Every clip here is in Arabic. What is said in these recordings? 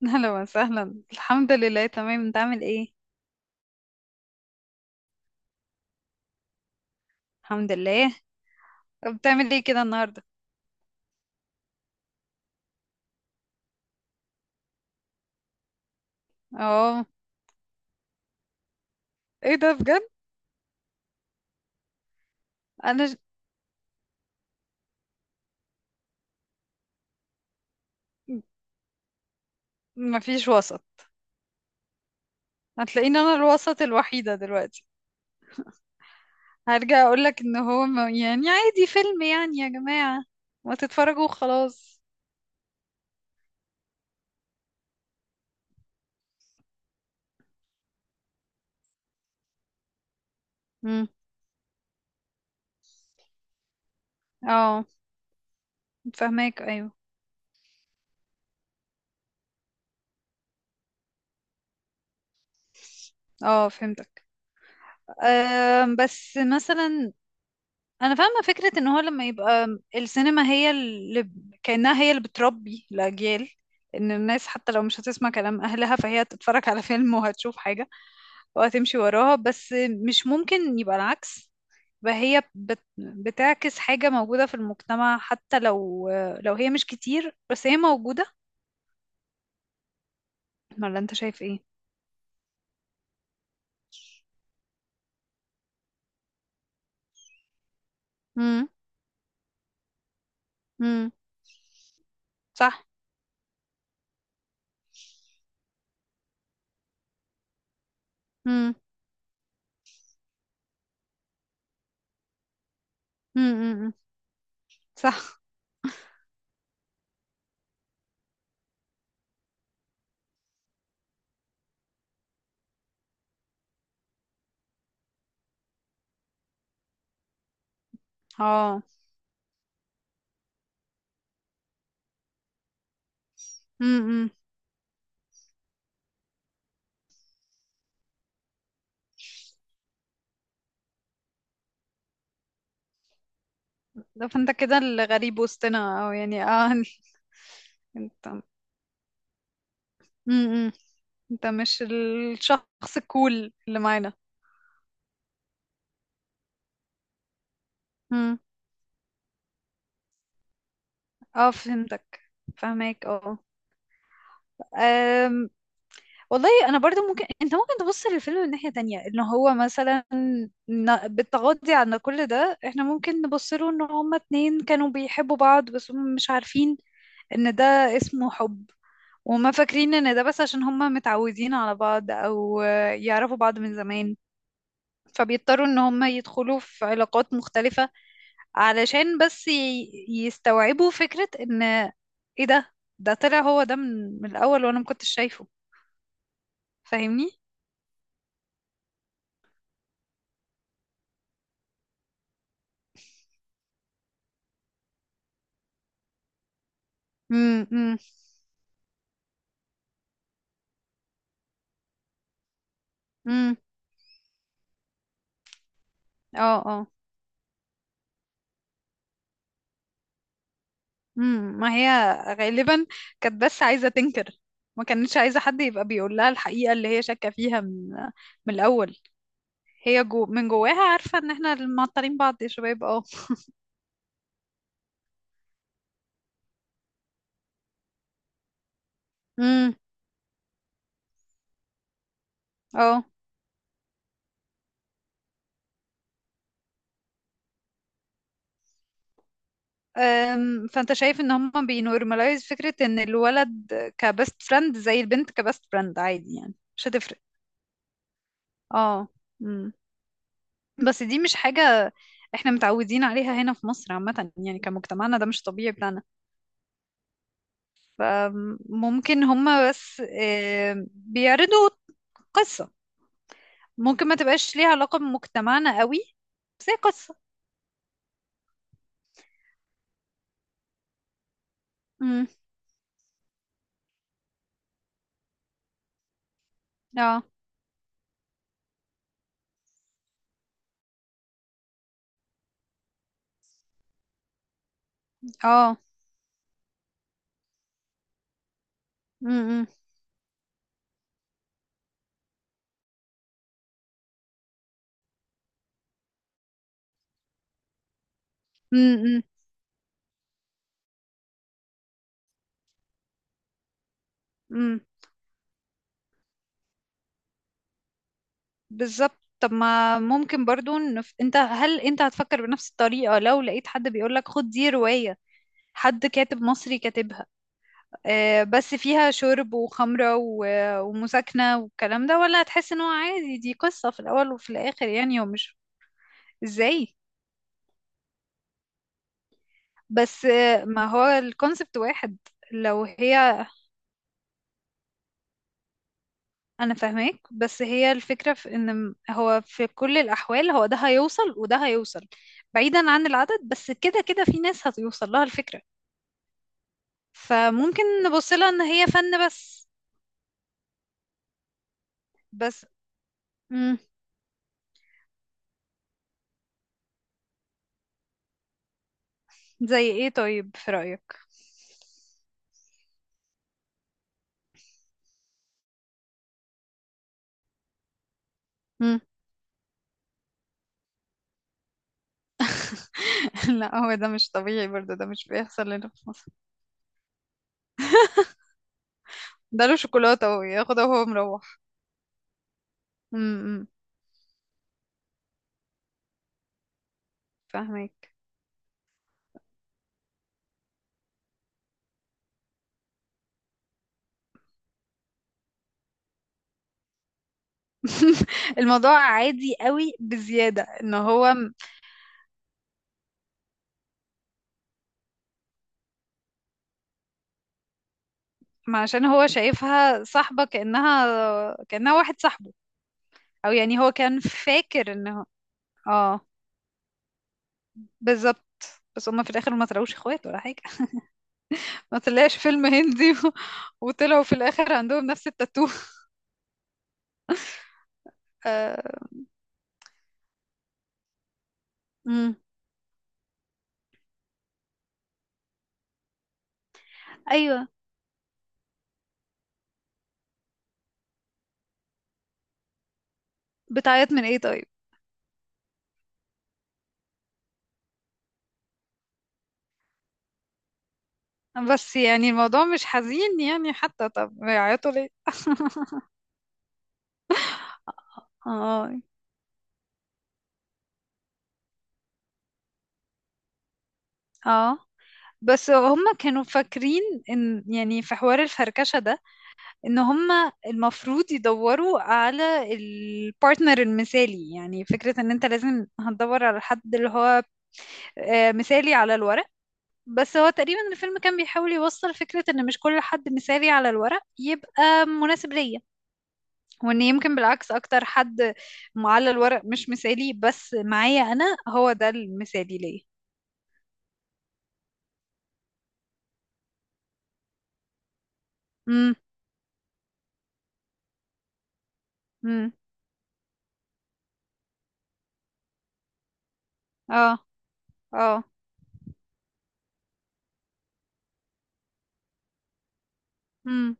اهلا وسهلا. الحمد لله، تمام. انت عامل ايه؟ الحمد لله. بتعمل ايه كده النهارده؟ اه. ايه ده بجد؟ انا ج... مفيش وسط. هتلاقيني انا الوسط الوحيده دلوقتي. هرجع اقول لك ان هو ما... يعني عادي، فيلم يعني يا جماعه، ما تتفرجوا وخلاص. امم. اه فهماك، ايوه. اه فهمتك. بس مثلا انا فاهمه فكره ان هو لما يبقى السينما هي اللي كانها هي اللي بتربي الاجيال، ان الناس حتى لو مش هتسمع كلام اهلها فهي هتتفرج على فيلم وهتشوف حاجه وهتمشي وراها. بس مش ممكن يبقى العكس؟ بقى هي بتعكس حاجه موجوده في المجتمع، حتى لو هي مش كتير بس هي موجوده. ولا انت شايف ايه؟ امم. امم. صح. امم. امم. صح. اه. امم. ده فانت كده الغريب وسطنا، او يعني اه. انت. امم. انت مش الشخص الكول اللي معانا. امم. اه فهمتك. فهمك اه. أم... والله انا برضو، ممكن انت ممكن تبص للفيلم من ناحية تانية، ان هو مثلا بالتغاضي عن كل ده احنا ممكن نبص له ان هما اتنين كانوا بيحبوا بعض بس هم مش عارفين ان ده اسمه حب، وما فاكرين ان ده بس عشان هم متعودين على بعض او يعرفوا بعض من زمان، فبيضطروا ان هم يدخلوا في علاقات مختلفة علشان بس يستوعبوا فكرة ان ايه ده طلع هو ده من الاول وانا ما كنتش شايفه. فاهمني؟ امم. امم. امم. اه. اه. امم. ما هي غالبا كانت بس عايزة تنكر، ما كانتش عايزة حد يبقى بيقول لها الحقيقة اللي هي شاكة فيها من الاول. هي جو من جواها عارفة ان احنا معطلين بعض يا شباب. اه. امم. اه. فانت شايف ان هم بينورماليز فكرة ان الولد كبست فريند زي البنت كبست فريند عادي، يعني مش هتفرق. اه. مم. بس دي مش حاجة احنا متعودين عليها هنا في مصر عامة، يعني كمجتمعنا ده مش طبيعي بتاعنا. ممكن هم بس بيعرضوا قصة ممكن ما تبقاش ليها علاقة بمجتمعنا قوي، بس هي قصة. مم. اه. اه. مم. مم. مم. مم. بالظبط. طب ما ممكن برضو نف... هل انت هتفكر بنفس الطريقة لو لقيت حد بيقولك خد دي رواية، حد كاتب مصري كاتبها؟ آه بس فيها شرب وخمرة ومساكنة والكلام ده، ولا هتحس ان هو عادي، دي قصة في الأول وفي الآخر، يعني هو مش. ازاي؟ بس آه، ما هو الكونسبت واحد. لو هي. انا فاهماك بس هي الفكرة في ان هو في كل الأحوال هو ده هيوصل وده هيوصل، بعيدا عن العدد. بس كده كده في ناس هتوصل لها الفكرة، فممكن نبص لها ان هي فن بس. بس. مم. زي ايه طيب في رأيك؟ مم. لا هو ده مش طبيعي برضه، ده مش بيحصل هنا في مصر. ده له شوكولاتة اهو ياخدها وهو مروح. امم. فاهمك. الموضوع عادي قوي بزيادة، ان عشان هو شايفها صاحبة، كأنها واحد صاحبه. او يعني هو كان فاكر ان هو. اه، بالظبط. بس هما في الاخر ما طلعوش اخوات ولا حاجة. ما طلعش فيلم هندي وطلعوا في الاخر عندهم نفس التاتو. آه... مم. ايوه. بتعيط من ايه طيب؟ بس يعني الموضوع مش حزين، يعني حتى طب بيعيطوا ليه؟ اه. اه. بس هم كانوا فاكرين ان يعني في حوار الفركشة ده، ان هم المفروض يدوروا على البارتنر المثالي، يعني فكرة ان انت لازم هتدور على حد اللي هو آه، مثالي على الورق. بس هو تقريبا الفيلم كان بيحاول يوصل فكرة ان مش كل حد مثالي على الورق يبقى مناسب ليا، وان يمكن بالعكس اكتر حد على الورق مش مثالي بس معايا انا هو ده المثالي ليا. امم. امم. اه. اه. امم.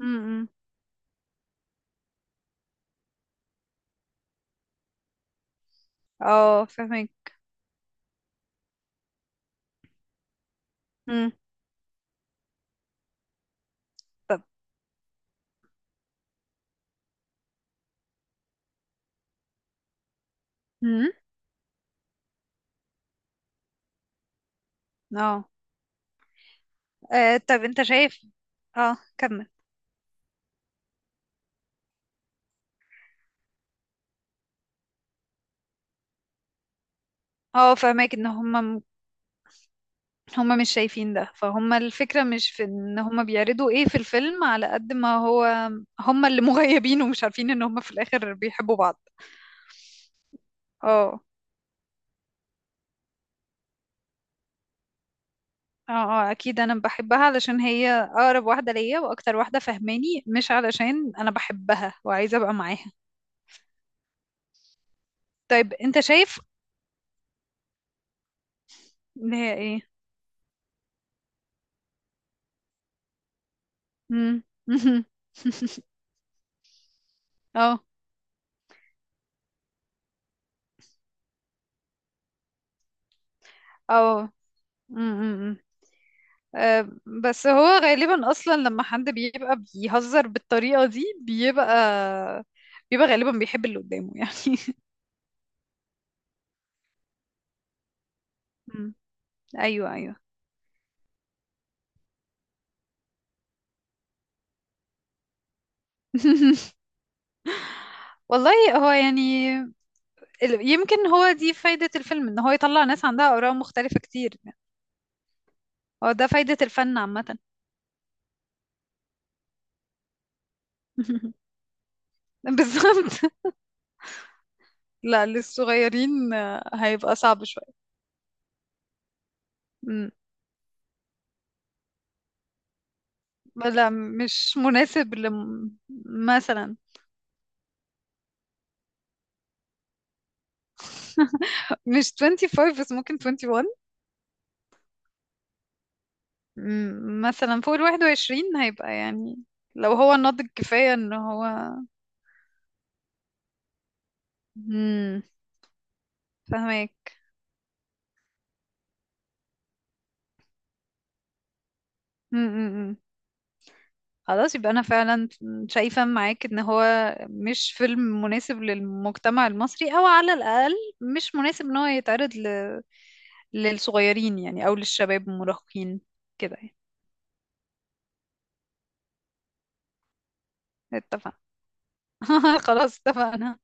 امم. اه فهمك. امم. طب. امم. اه. آه، طب انت شايف. اه كمل. اه فهمك ان هم، هما مش شايفين ده. فهما الفكرة مش في ان هما بيعرضوا ايه في الفيلم على قد ما هو هما اللي مغيبين ومش عارفين ان هما في الاخر بيحبوا بعض. اه. اه. اه اكيد انا بحبها علشان هي اقرب واحدة ليا واكتر واحدة فهماني، مش علشان انا بحبها وعايزة ابقى معاها. طيب انت شايف ان هي ايه. امم. اه. اه. آه، بس هو غالبا اصلا لما حد بيبقى بيهزر بالطريقه دي، بيبقى غالبا بيحب اللي قدامه يعني. مم. ايوه ايوه. والله. هو يعني يمكن هو دي فايده الفيلم، ان هو يطلع ناس عندها اراء مختلفه كتير يعني. هو ده فايده الفن عامه. بالظبط. لا للصغيرين آه، هيبقى صعب شويه. مم. لا مش مناسب لم... مثلا. مش 25 بس ممكن 21. مثلا فوق الواحد وعشرين هيبقى يعني لو هو ناضج كفاية ان هو. امم. فهمك. امم. خلاص يبقى انا فعلا شايفة معاك ان هو مش فيلم مناسب للمجتمع المصري، او على الاقل مش مناسب ان هو يتعرض للصغيرين يعني او للشباب المراهقين كده يعني. اتفقنا. خلاص اتفقنا.